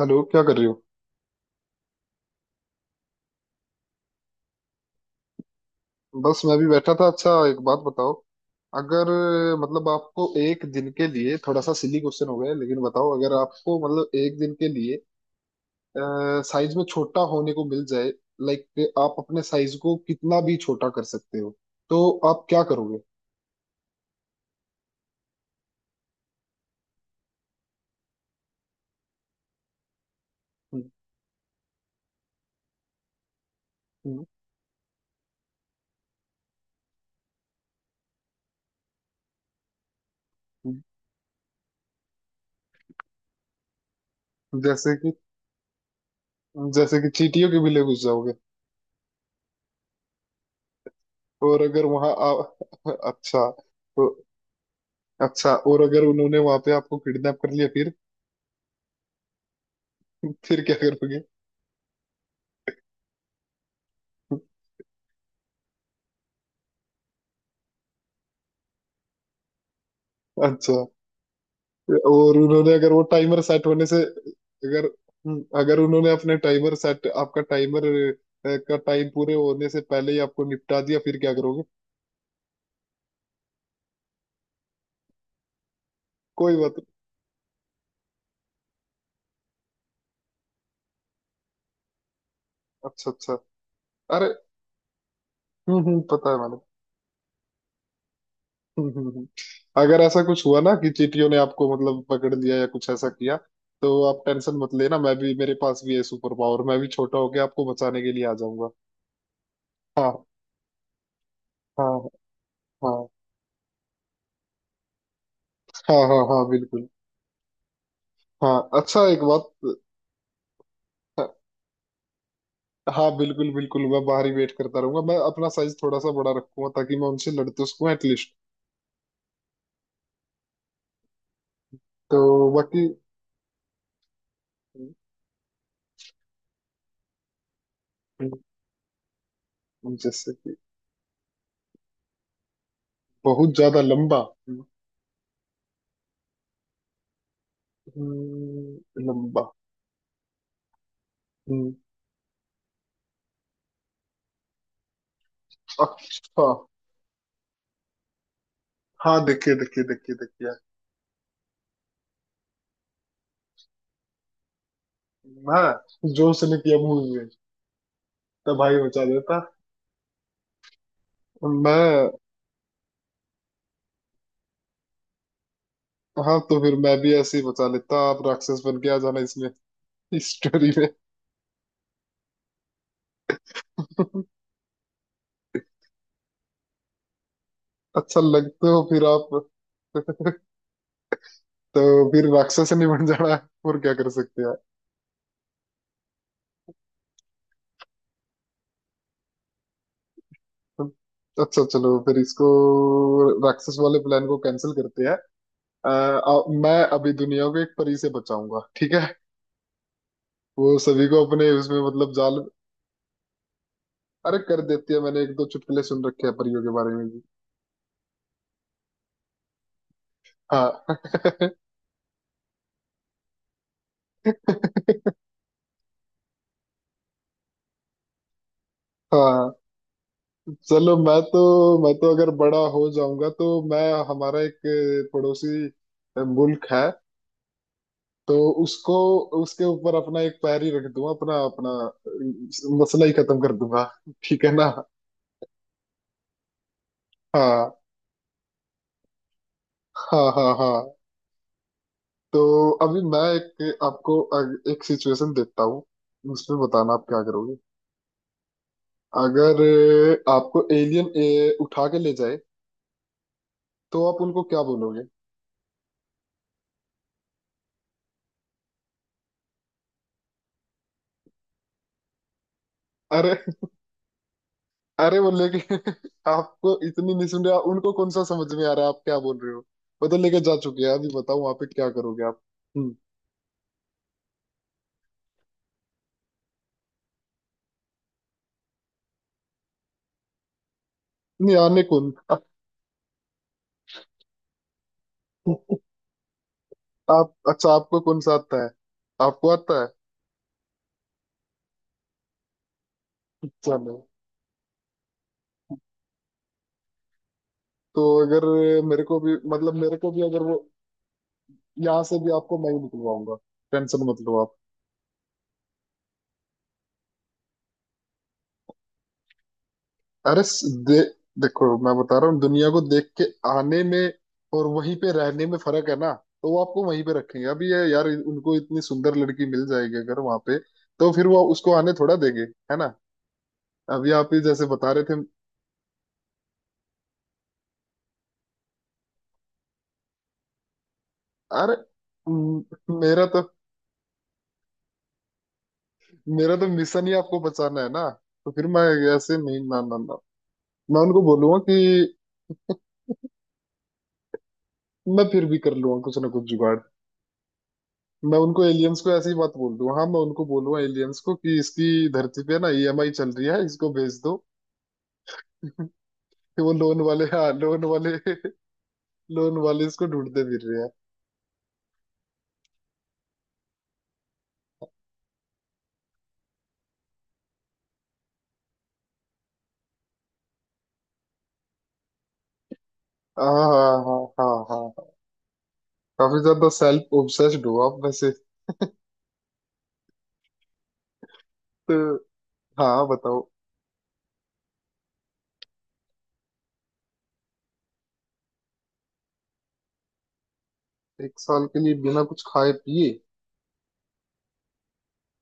Hello, क्या कर रही हो। बस मैं भी बैठा था। अच्छा, एक बात बताओ। अगर मतलब आपको एक दिन के लिए, थोड़ा सा सिली क्वेश्चन हो गया लेकिन बताओ, अगर आपको मतलब एक दिन के लिए साइज में छोटा होने को मिल जाए, लाइक आप अपने साइज को कितना भी छोटा कर सकते हो, तो आप क्या करोगे। हम्म। हम्म। हम्म। जैसे कि जैसे कि चींटियों के बिले घुस जाओगे। और अगर वहां आप... अच्छा तो। अच्छा, और अगर उन्होंने वहां पे आपको किडनैप कर लिया फिर? फिर क्या करोगे? अच्छा, और उन्होंने अगर वो टाइमर सेट होने से अगर अगर उन्होंने अपने टाइमर सेट आपका टाइमर का टाइम पूरे होने से पहले ही आपको निपटा दिया, फिर क्या करोगे? कोई बात नहीं। अच्छा, अच्छा। अरे, पता है मैंने। हम्म। हम्म। हम्म। अगर ऐसा कुछ हुआ ना कि चींटियों ने आपको मतलब पकड़ लिया या कुछ ऐसा किया, तो आप टेंशन मत लेना। मैं भी, मेरे पास भी है सुपर पावर, मैं भी छोटा होके आपको बचाने के लिए आ जाऊंगा। हाँ। हाँ हाँ हाँ हाँ हाँ बिल्कुल। हाँ, अच्छा एक बात। हाँ बिल्कुल बिल्कुल, मैं बाहर ही वेट करता रहूंगा। मैं अपना साइज थोड़ा सा बड़ा रखूंगा, ताकि मैं उनसे लड़ तो सकूं एटलीस्ट। तो बाकी... हम्म, जैसे कि बहुत ज्यादा लंबा। हम्म, लंबा। हम्म। अच्छा। हाँ, देखिए देखिए देखिए देखिए। मैं जो उसने किया मूवी में, तो भाई बचा देता। मैं... हाँ, तो फिर मैं भी ऐसे ही बचा लेता। आप राक्षस बन के आ जाना इसमें इस स्टोरी में। अच्छा लगते हो फिर आप। तो फिर राक्षस नहीं बन जाना है, और क्या कर सकते हैं? अच्छा चलो, फिर इसको राक्षस वाले प्लान को कैंसिल करते हैं। अ, आ, मैं अभी दुनिया को एक परी से बचाऊंगा, ठीक है। वो सभी को अपने उसमें मतलब जाल... अरे कर देती है, मैंने एक दो चुटकुले सुन रखे हैं परियों के बारे में भी। हाँ। हाँ चलो, मैं तो अगर बड़ा हो जाऊंगा तो मैं... हमारा एक पड़ोसी मुल्क है, तो उसको उसके ऊपर अपना एक पैर ही रख दूंगा अपना। मसला ही खत्म कर दूंगा। ठीक है ना। हाँ हाँ हाँ हाँ। तो अभी मैं एक आपको एक सिचुएशन देता हूँ। उसमें बताना आप क्या करोगे। अगर आपको एलियन उठा के ले जाए, तो आप उनको क्या बोलोगे? अरे, अरे बोले कि... आपको इतनी नहीं सुन रहे, उनको कौन सा समझ में आ रहा है आप क्या बोल रहे हो। वो तो लेके जा चुके हैं, अभी बताओ वहां पे क्या करोगे आप। हम्म। नहीं आने कौन आप। आप, अच्छा, आपको कौन सा आता है, आपको आता है? चलो। तो अगर मेरे को भी मतलब मेरे को भी, अगर वो, यहाँ से भी आपको मैं ही निकलवाऊंगा, टेंशन मत लो आप। अरे देखो मैं बता रहा हूँ, दुनिया को देख के आने में और वहीं पे रहने में फर्क है ना। तो वो आपको वहीं पे रखेंगे अभी, ये यार, उनको इतनी सुंदर लड़की मिल जाएगी अगर वहां पे, तो फिर वो उसको आने थोड़ा देंगे। है ना, अभी आप ही जैसे बता रहे थे। अरे म- मेरा तो मेरा तो मिशन ही आपको बचाना है ना। तो फिर मैं, ऐसे नहीं, ना ना ना। मैं उनको बोलूंगा कि... मैं फिर भी कर लूंगा कुछ ना कुछ जुगाड़। मैं उनको एलियंस को ऐसी बात बोल दूं, हाँ, मैं उनको बोलूंगा एलियंस को कि इसकी धरती पे ना ईएमआई चल रही है, इसको भेज दो। कि वो लोन वाले, हाँ लोन वाले इसको ढूंढते फिर रहे हैं। हाँ हाँ हाँ हाँ हाँ हाँ। काफी ज्यादा सेल्फ ऑब्सेस्ड हो आप वैसे। तो हाँ, बताओ। एक साल के लिए बिना कुछ खाए पिए,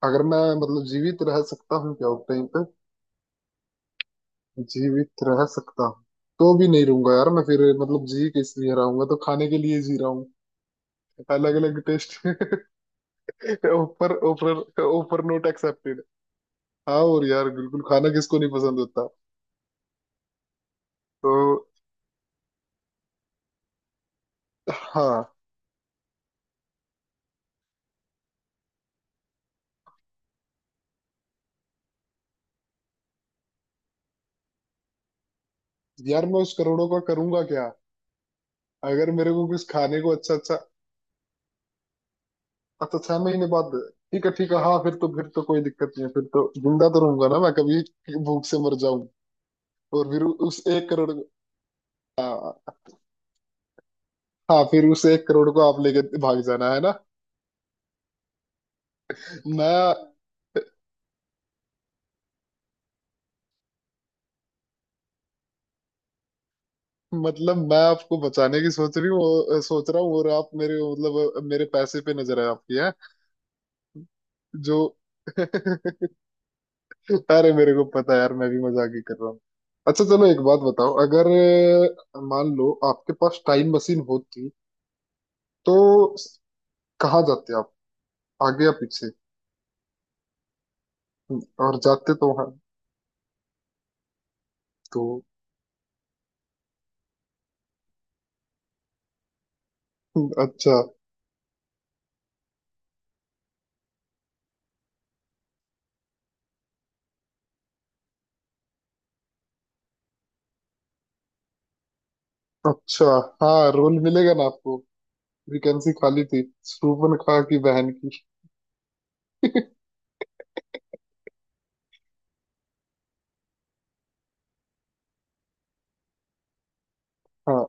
अगर मैं मतलब जीवित रह सकता हूँ क्या उस टाइम तक, जीवित रह सकता हूँ तो भी नहीं रहूंगा यार मैं। फिर मतलब जी किस लिए रहा हूंगा, तो खाने के लिए जी रहा हूँ, अलग अलग टेस्ट। ऊपर ऊपर ऊपर, नोट एक्सेप्टेड। हाँ, और यार बिल्कुल, खाना किसको नहीं पसंद होता। तो हाँ, यार मैं उस करोड़ों का करूंगा क्या अगर मेरे को कुछ खाने को। अच्छा, अच्छा। अच्छा, 6 महीने बाद? ठीक है, ठीक है। हाँ, फिर तो कोई दिक्कत नहीं है, फिर तो जिंदा तो रहूंगा ना, मैं कभी भूख से मर जाऊं। और फिर उस एक करोड़ को, हाँ हाँ, फिर उस एक करोड़ को आप लेके भाग जाना है ना। मैं मतलब मैं आपको बचाने की सोच रही हूँ, सोच रहा हूँ, और आप मेरे, मतलब मेरे पैसे पे नजर है आपकी। जो... अरे, मेरे को पता है यार, मैं भी मजाक ही कर रहा हूँ। अच्छा चलो, एक बात बताओ, अगर मान लो आपके पास टाइम मशीन होती, तो स- कहाँ जाते आप, आगे या पीछे? और जाते तो वहां तो... अच्छा, अच्छा। हाँ, रोल मिलेगा ना आपको, वैकेंसी खाली थी, शूपन खा की बहन की। हाँ।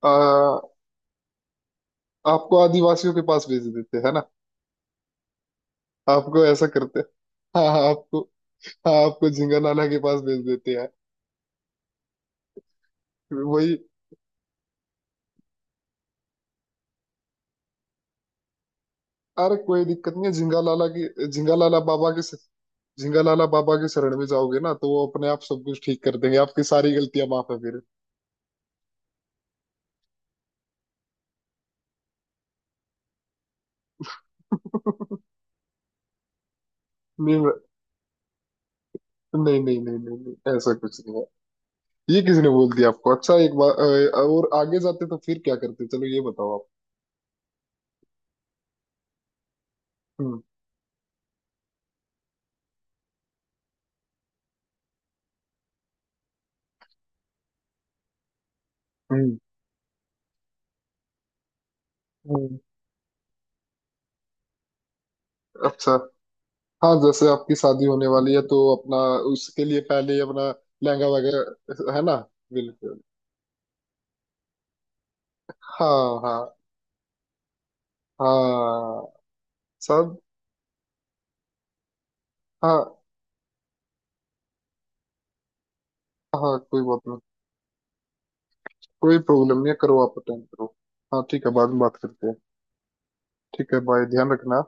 आ, आपको आदिवासियों के पास भेज देते है ना। आपको ऐसा करते, हाँ हाँ आपको, हाँ आपको झिंगा लाला के पास भेज देते हैं। वही। अरे, कोई दिक्कत नहीं है झिंगा लाला की, झिंगा लाला बाबा के शरण में जाओगे ना, तो वो अपने आप सब कुछ ठीक कर देंगे, आपकी सारी गलतियां माफ है फिर। नहीं नहीं, नहीं नहीं नहीं नहीं, ऐसा कुछ नहीं है। ये किसने बोल दिया आपको? अच्छा, एक बार और आगे जाते तो फिर क्या करते, चलो ये बताओ आप। हम्म। हम्म। हम्म। अच्छा। हाँ, जैसे आपकी शादी होने वाली है, तो अपना, उसके लिए पहले अपना लहंगा वगैरह, है ना। बिल्कुल। हाँ हाँ हाँ सब। हाँ हाँ कोई बात नहीं, कोई प्रॉब्लम नहीं है, करो आप, अटेंड करो। हाँ ठीक है, बाद में बात करते हैं। ठीक है, बाय, ध्यान रखना।